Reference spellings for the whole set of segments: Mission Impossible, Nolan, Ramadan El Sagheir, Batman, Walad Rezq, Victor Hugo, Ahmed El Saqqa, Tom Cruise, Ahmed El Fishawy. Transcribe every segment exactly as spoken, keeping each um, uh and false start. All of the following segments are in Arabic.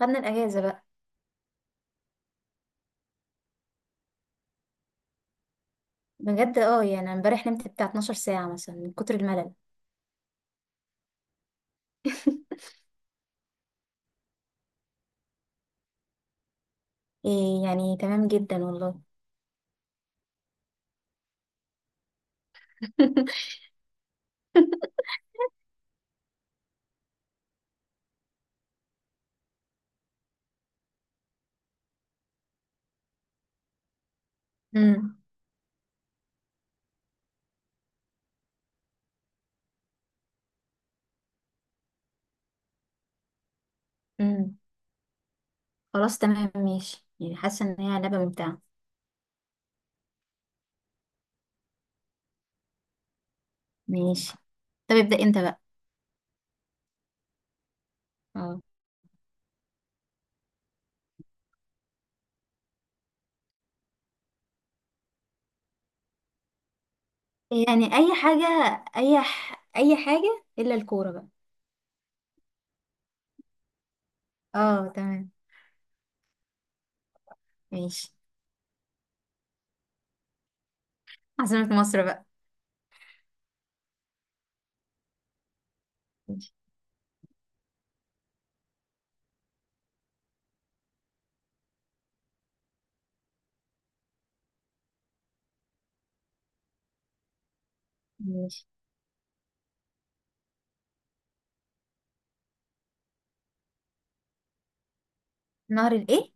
خدنا الاجازه بقى. بجد اه يعني امبارح نمت بتاع اتناشر ساعه مثلا من كتر الملل. إيه يعني تمام جدا والله. امم امم خلاص تمام ماشي، يعني حاسه ان هي لعبه ممتعه. ماشي، طب ابدا انت بقى. اه يعني اي حاجه، اي ح... اي حاجه الا الكوره بقى. اه تمام. ماشي عاصمه مصر بقى. ماشي. ماشي. نهر الايه؟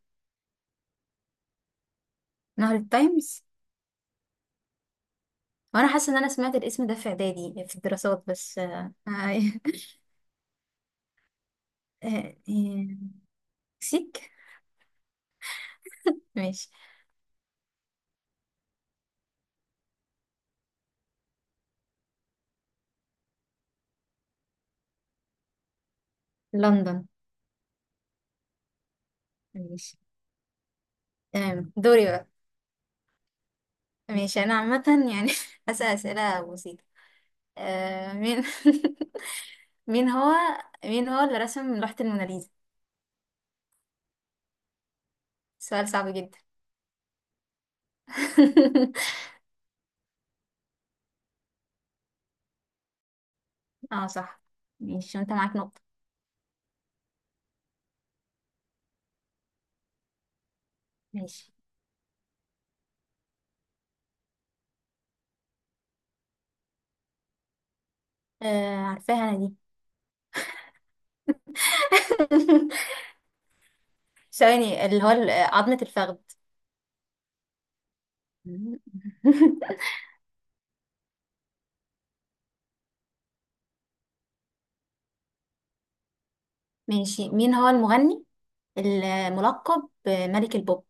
نهر التايمز. وانا حاسه ان انا سمعت الاسم ده في اعدادي في الدراسات بس آه. آه. مكسيك. ماشي. لندن. ماشي. تمام دوري بقى. ماشي انا عامة، يعني هسأل اسئلة بسيطة. آه مين مين هو مين هو اللي رسم لوحة الموناليزا؟ سؤال صعب جدا. اه صح. ماشي وانت معاك نقطة. ماشي. آه عارفاها انا دي. ثواني، اللي هو ال- عظمة الفخذ. ماشي. مين هو المغني الملقب بملك البوب؟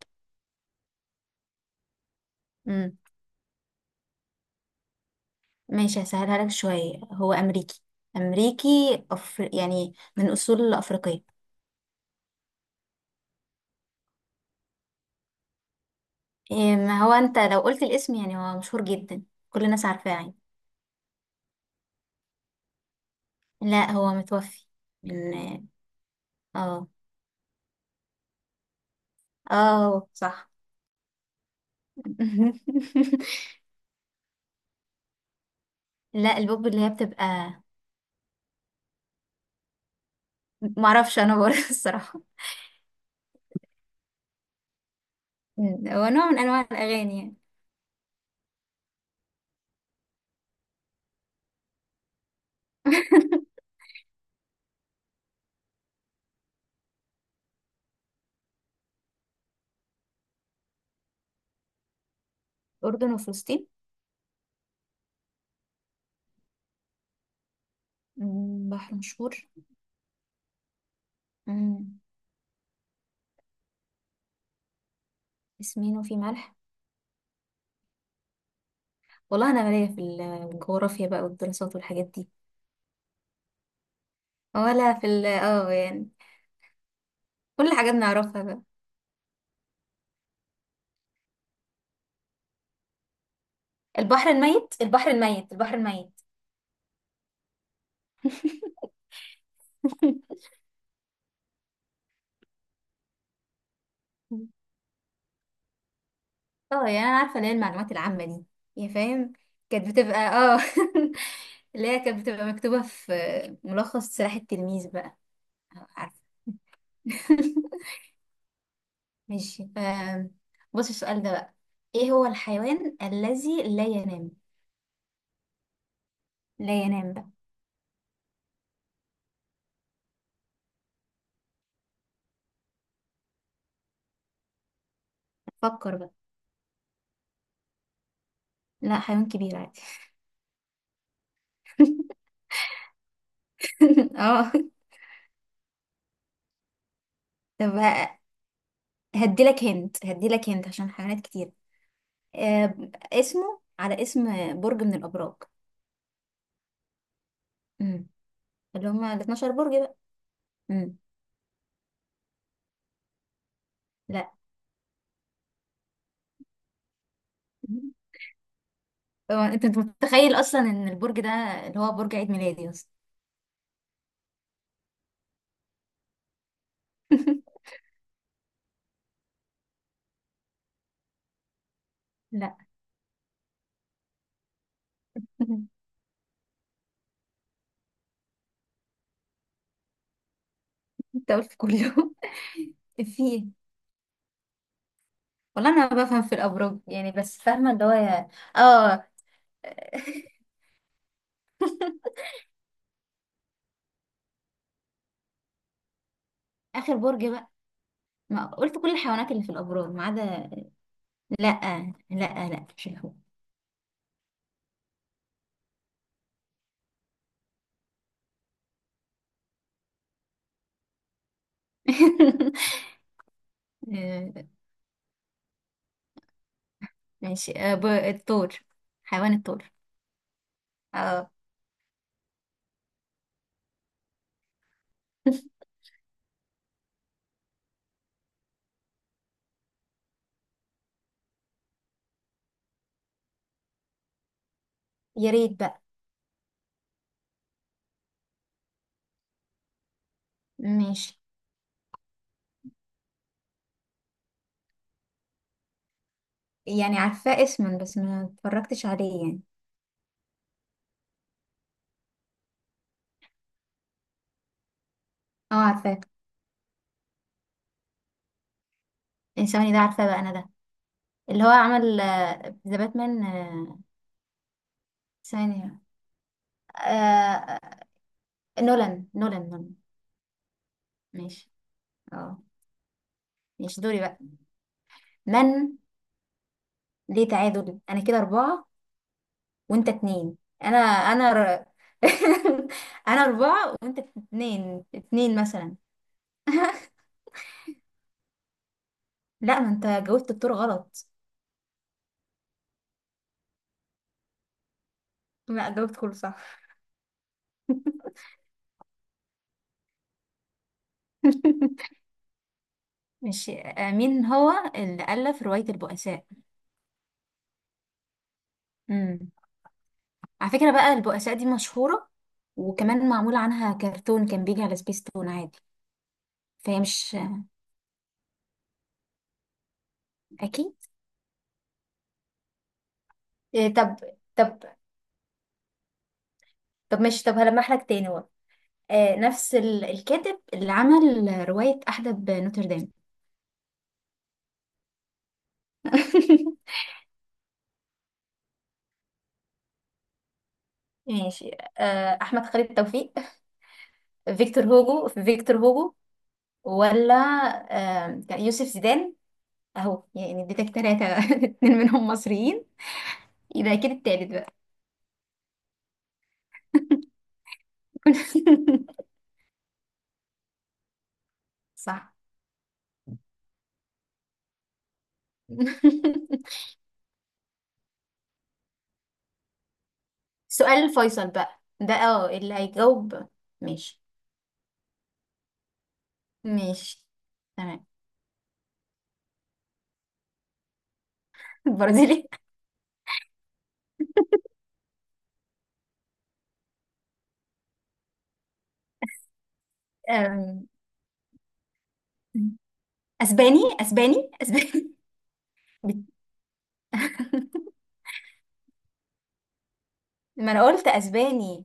ماشي هسهلها لك شوية، هو أمريكي. أمريكي. أف... يعني من أصول أفريقية. إيه، ما هو أنت لو قلت الاسم يعني هو مشهور جدا، كل الناس عارفاه يعني. لا هو متوفي من. اه. اه صح. لا البوب اللي هي بتبقى. معرفش أنا برضه، الصراحة. مم، هو نوع من أنواع الأغاني يعني. أردن وفلسطين. مم، بحر مشهور. مم، اسمين وفي ملح. والله أنا مالية في الجغرافيا بقى والدراسات والحاجات دي. ولا في ال اه يعني كل حاجة بنعرفها بقى. البحر الميت، البحر الميت، البحر الميت. اه يعني انا عارفة اللي هي المعلومات العامة دي، يا فاهم. كانت بتبقى اه اللي هي كانت بتبقى مكتوبة في ملخص سلاح التلميذ بقى. آه، عارفة. ماشي آم، بص السؤال ده بقى، ايه هو الحيوان الذي لا ينام؟ لا ينام بقى. فكر بقى. لا حيوان كبير عادي. اه. طب هديلك هنت هديلك هنت عشان حيوانات كتير. آه، اسمه على اسم برج من الابراج. امم، اللي هم ال اتناشر برج بقى. امم. لا. هو انت أنت متخيل اصلا ان البرج ده اللي هو برج عيد ميلادي اصلا. لا. انت قلت كل يوم. في ايه؟ والله انا ما بفهم في الابراج يعني، بس فاهمه اللي هو يا- اه. اخر برج بقى، ما قلت كل الحيوانات اللي في الابراج ما عدا. لا لا لا مش هو. ماشي آه، ب- الثور، حيوان الثور. اه. يا ريت بقى. ماشي، يعني عارفاه اسما بس ما اتفرجتش عليه يعني. اه عارفاه. ثواني ده عارفاه بقى انا ده، اللي هو عمل آه، ذا باتمان. ثانية. آه، نولان نولان نولان. ماشي. اه. ماشي دوري بقى. من ليه تعادل، انا كده اربعة وانت اتنين. انا انا ر... انا اربعة وانت اتنين اتنين مثلا. لا ما انت جاوبت الدور غلط. لا جاوبت كله صح. ماشي آه، مين هو اللي ألف رواية البؤساء؟ امم. على فكرة بقى البؤساء دي مشهورة، وكمان معمول عنها كرتون كان بيجي على سبيس تون عادي. فهي مش أكيد. إيه طب طب طب ماشي، طب هلمح لك تاني بقى. آه نفس ال... الكاتب اللي عمل رواية أحدب نوتردام. ماشي آه، احمد خالد توفيق، فيكتور هوجو، فيكتور هوجو ولا آه كان يوسف زيدان. اهو يعني اديتك تلاتة اتنين منهم مصريين، يبقى اكيد التالت بقى. صح. سؤال فيصل بقى ده اه اللي هيجاوب. ماشي. ماشي. تمام. برازيلي. أم، اسباني اسباني اسباني. بت- ما انا قلت اسباني.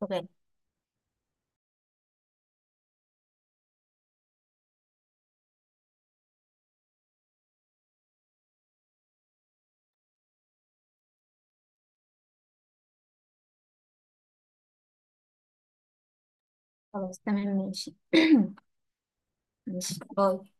برتغالي. خلاص تمام ماشي. ماشي باي.